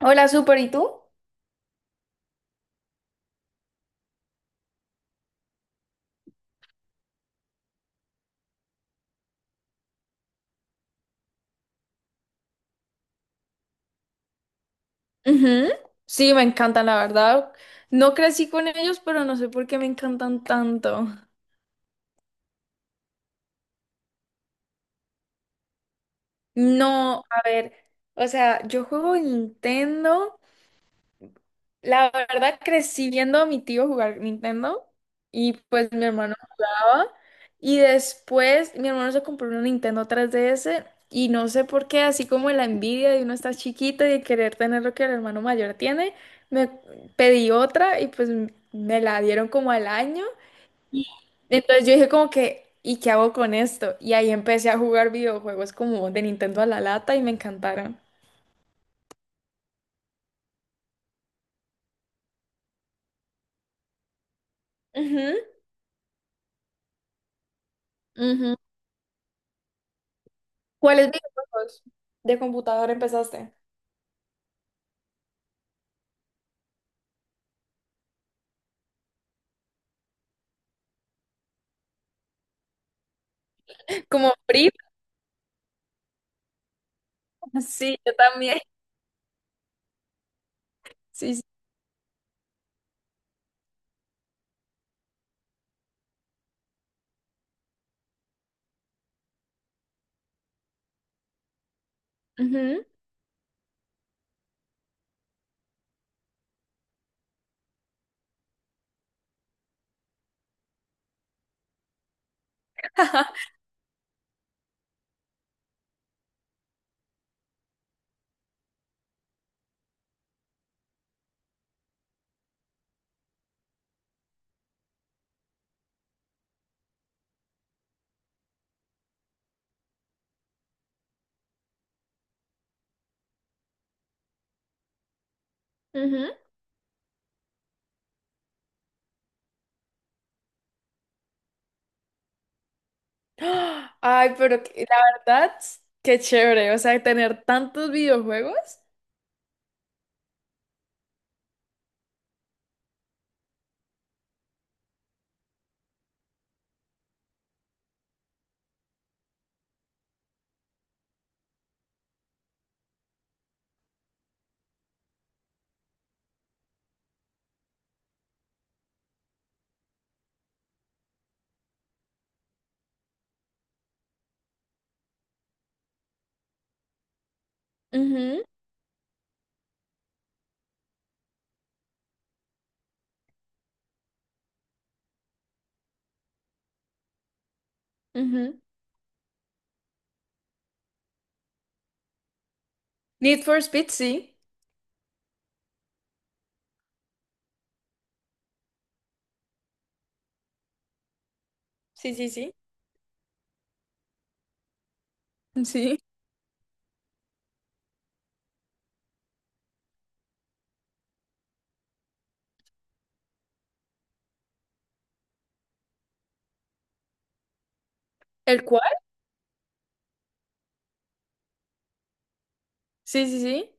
Hola, súper, ¿y tú? Ujú. Sí, me encantan, la verdad. No crecí con ellos, pero no sé por qué me encantan tanto. No, a ver, o sea, yo juego Nintendo. La verdad crecí viendo a mi tío jugar Nintendo y pues mi hermano jugaba. Y después mi hermano se compró una Nintendo 3DS y no sé por qué, así como la envidia de uno estar chiquito y de querer tener lo que el hermano mayor tiene, me pedí otra y pues me la dieron como al año. Entonces yo dije como que, ¿y qué hago con esto? Y ahí empecé a jugar videojuegos como de Nintendo a la lata y me encantaron. Ujú. Ujú. ¿Cuáles videojuegos de computador empezaste? Como Free. Sí, yo también. Sí, sí. Ujú. Ujú. ¡Ah! Ay, pero la verdad, qué chévere. O sea, tener tantos videojuegos. Ujú, ujú. Need for Speed, sí. Sí, sí, sí. Sí. ¿El cual? Sí, sí, sí.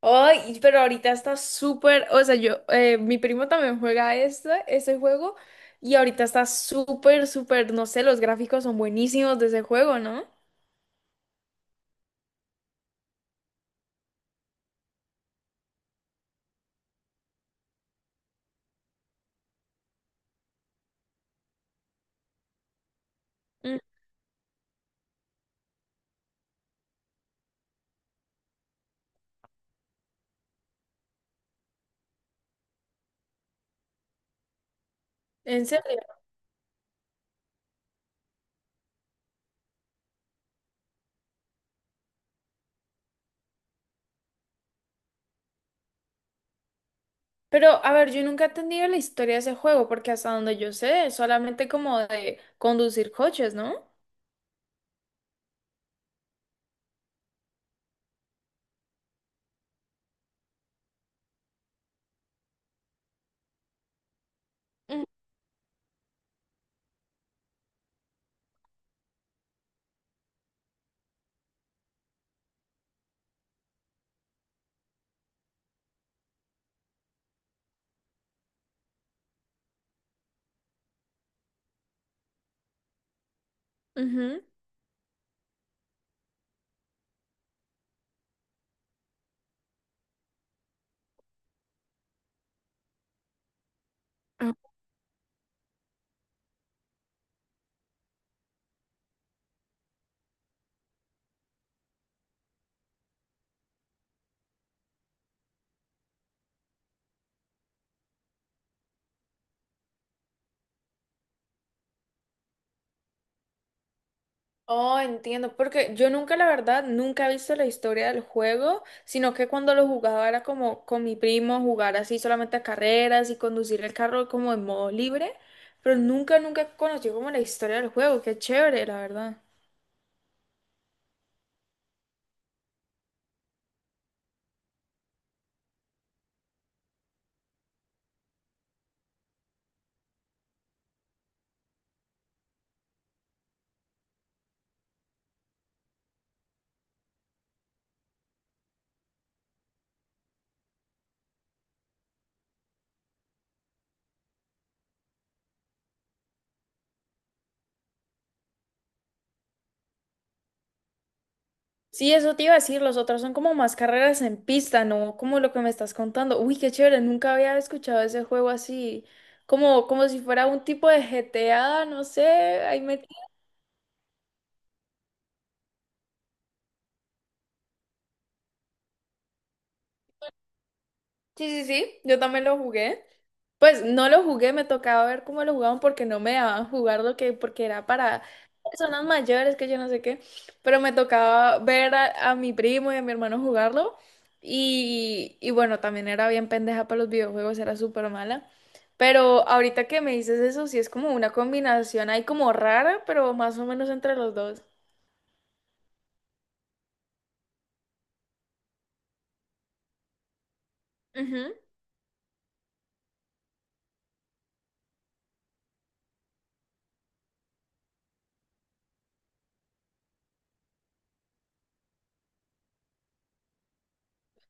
Ay, pero ahorita está súper, o sea, yo, mi primo también juega este, ese juego y ahorita está súper, súper, no sé, los gráficos son buenísimos de ese juego, ¿no? Mm. En serio. Pero, a ver, yo nunca he entendido la historia de ese juego porque hasta donde yo sé, es solamente como de conducir coches, ¿no? Mm, ujú. Oh, entiendo, porque yo nunca, la verdad, nunca he visto la historia del juego, sino que cuando lo jugaba era como con mi primo jugar así solamente a carreras y conducir el carro como en modo libre, pero nunca, nunca conocí como la historia del juego, qué chévere, la verdad. Sí, eso te iba a decir, los otros son como más carreras en pista, ¿no? Como lo que me estás contando. Uy, qué chévere, nunca había escuchado ese juego así, como, como si fuera un tipo de GTA, no sé, ahí me... Sí, sí, sí, yo también lo jugué. Pues no lo jugué, me tocaba ver cómo lo jugaban porque no me dejaban jugar lo que, porque era para personas mayores, que yo no sé qué, pero me tocaba ver a mi primo y a mi hermano jugarlo y bueno, también era bien pendeja para los videojuegos, era súper mala, pero ahorita que me dices eso, sí es como una combinación ahí como rara, pero más o menos entre los dos. Ujú.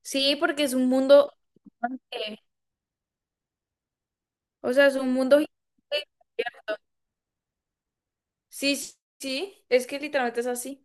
Sí, porque es un mundo, gigante, o sea, es un mundo... gigante. Sí, sí, sí, es que literalmente es así.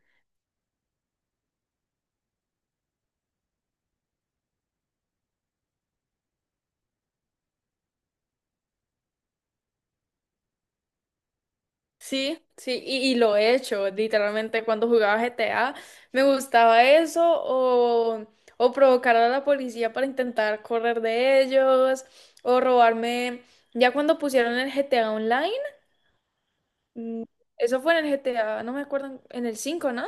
Sí, sí, y lo he hecho, literalmente cuando jugaba GTA me gustaba eso o provocar a la policía para intentar correr de ellos o robarme, ya cuando pusieron el GTA Online, mm, eso fue en el GTA, no me acuerdo, en el 5, ¿no?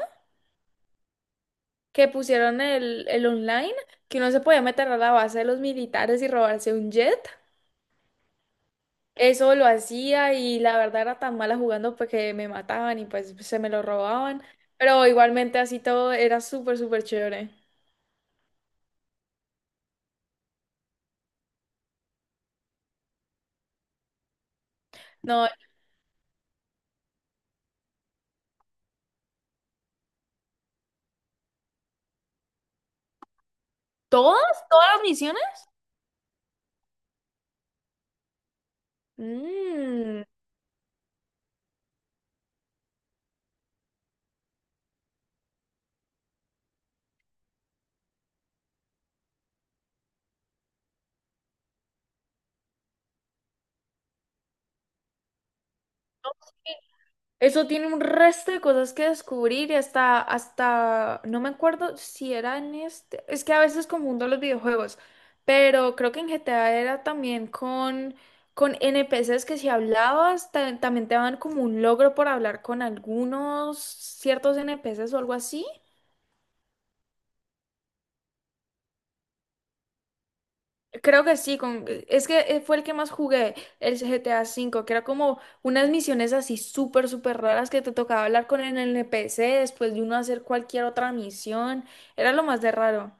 Que pusieron el online, que uno se podía meter a la base de los militares y robarse un jet. Eso lo hacía y la verdad era tan mala jugando pues que me mataban y pues se me lo robaban. Pero igualmente así todo era súper, súper chévere. No. ¿Todas? ¿Todas las misiones? mm, Eso tiene un resto de cosas que descubrir y hasta, hasta, no me acuerdo si era en este, es que a veces confundo los videojuegos, pero creo que en GTA era también con NPCs que si hablabas, también te daban como un logro por hablar con algunos ciertos NPCs o algo así. Creo que sí, con... es que fue el que más jugué, el GTA V, que era como unas misiones así súper, súper raras que te tocaba hablar con el NPC después de uno hacer cualquier otra misión. Era lo más de raro.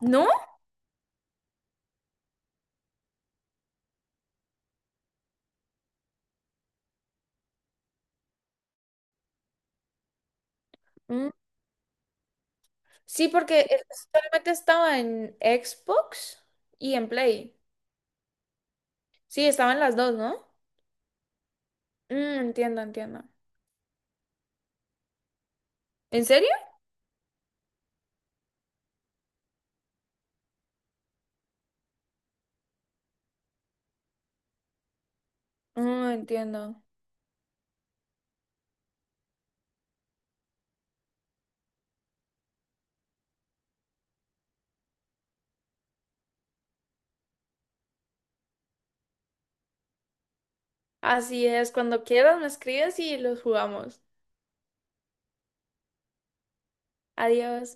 ¿No? Mm. Sí, porque solamente estaba en Xbox y en Play. Sí, estaban las dos, ¿no? Mm, entiendo, entiendo. ¿En serio? Mm, entiendo. Así es, cuando quieras me escribes y los jugamos. Adiós.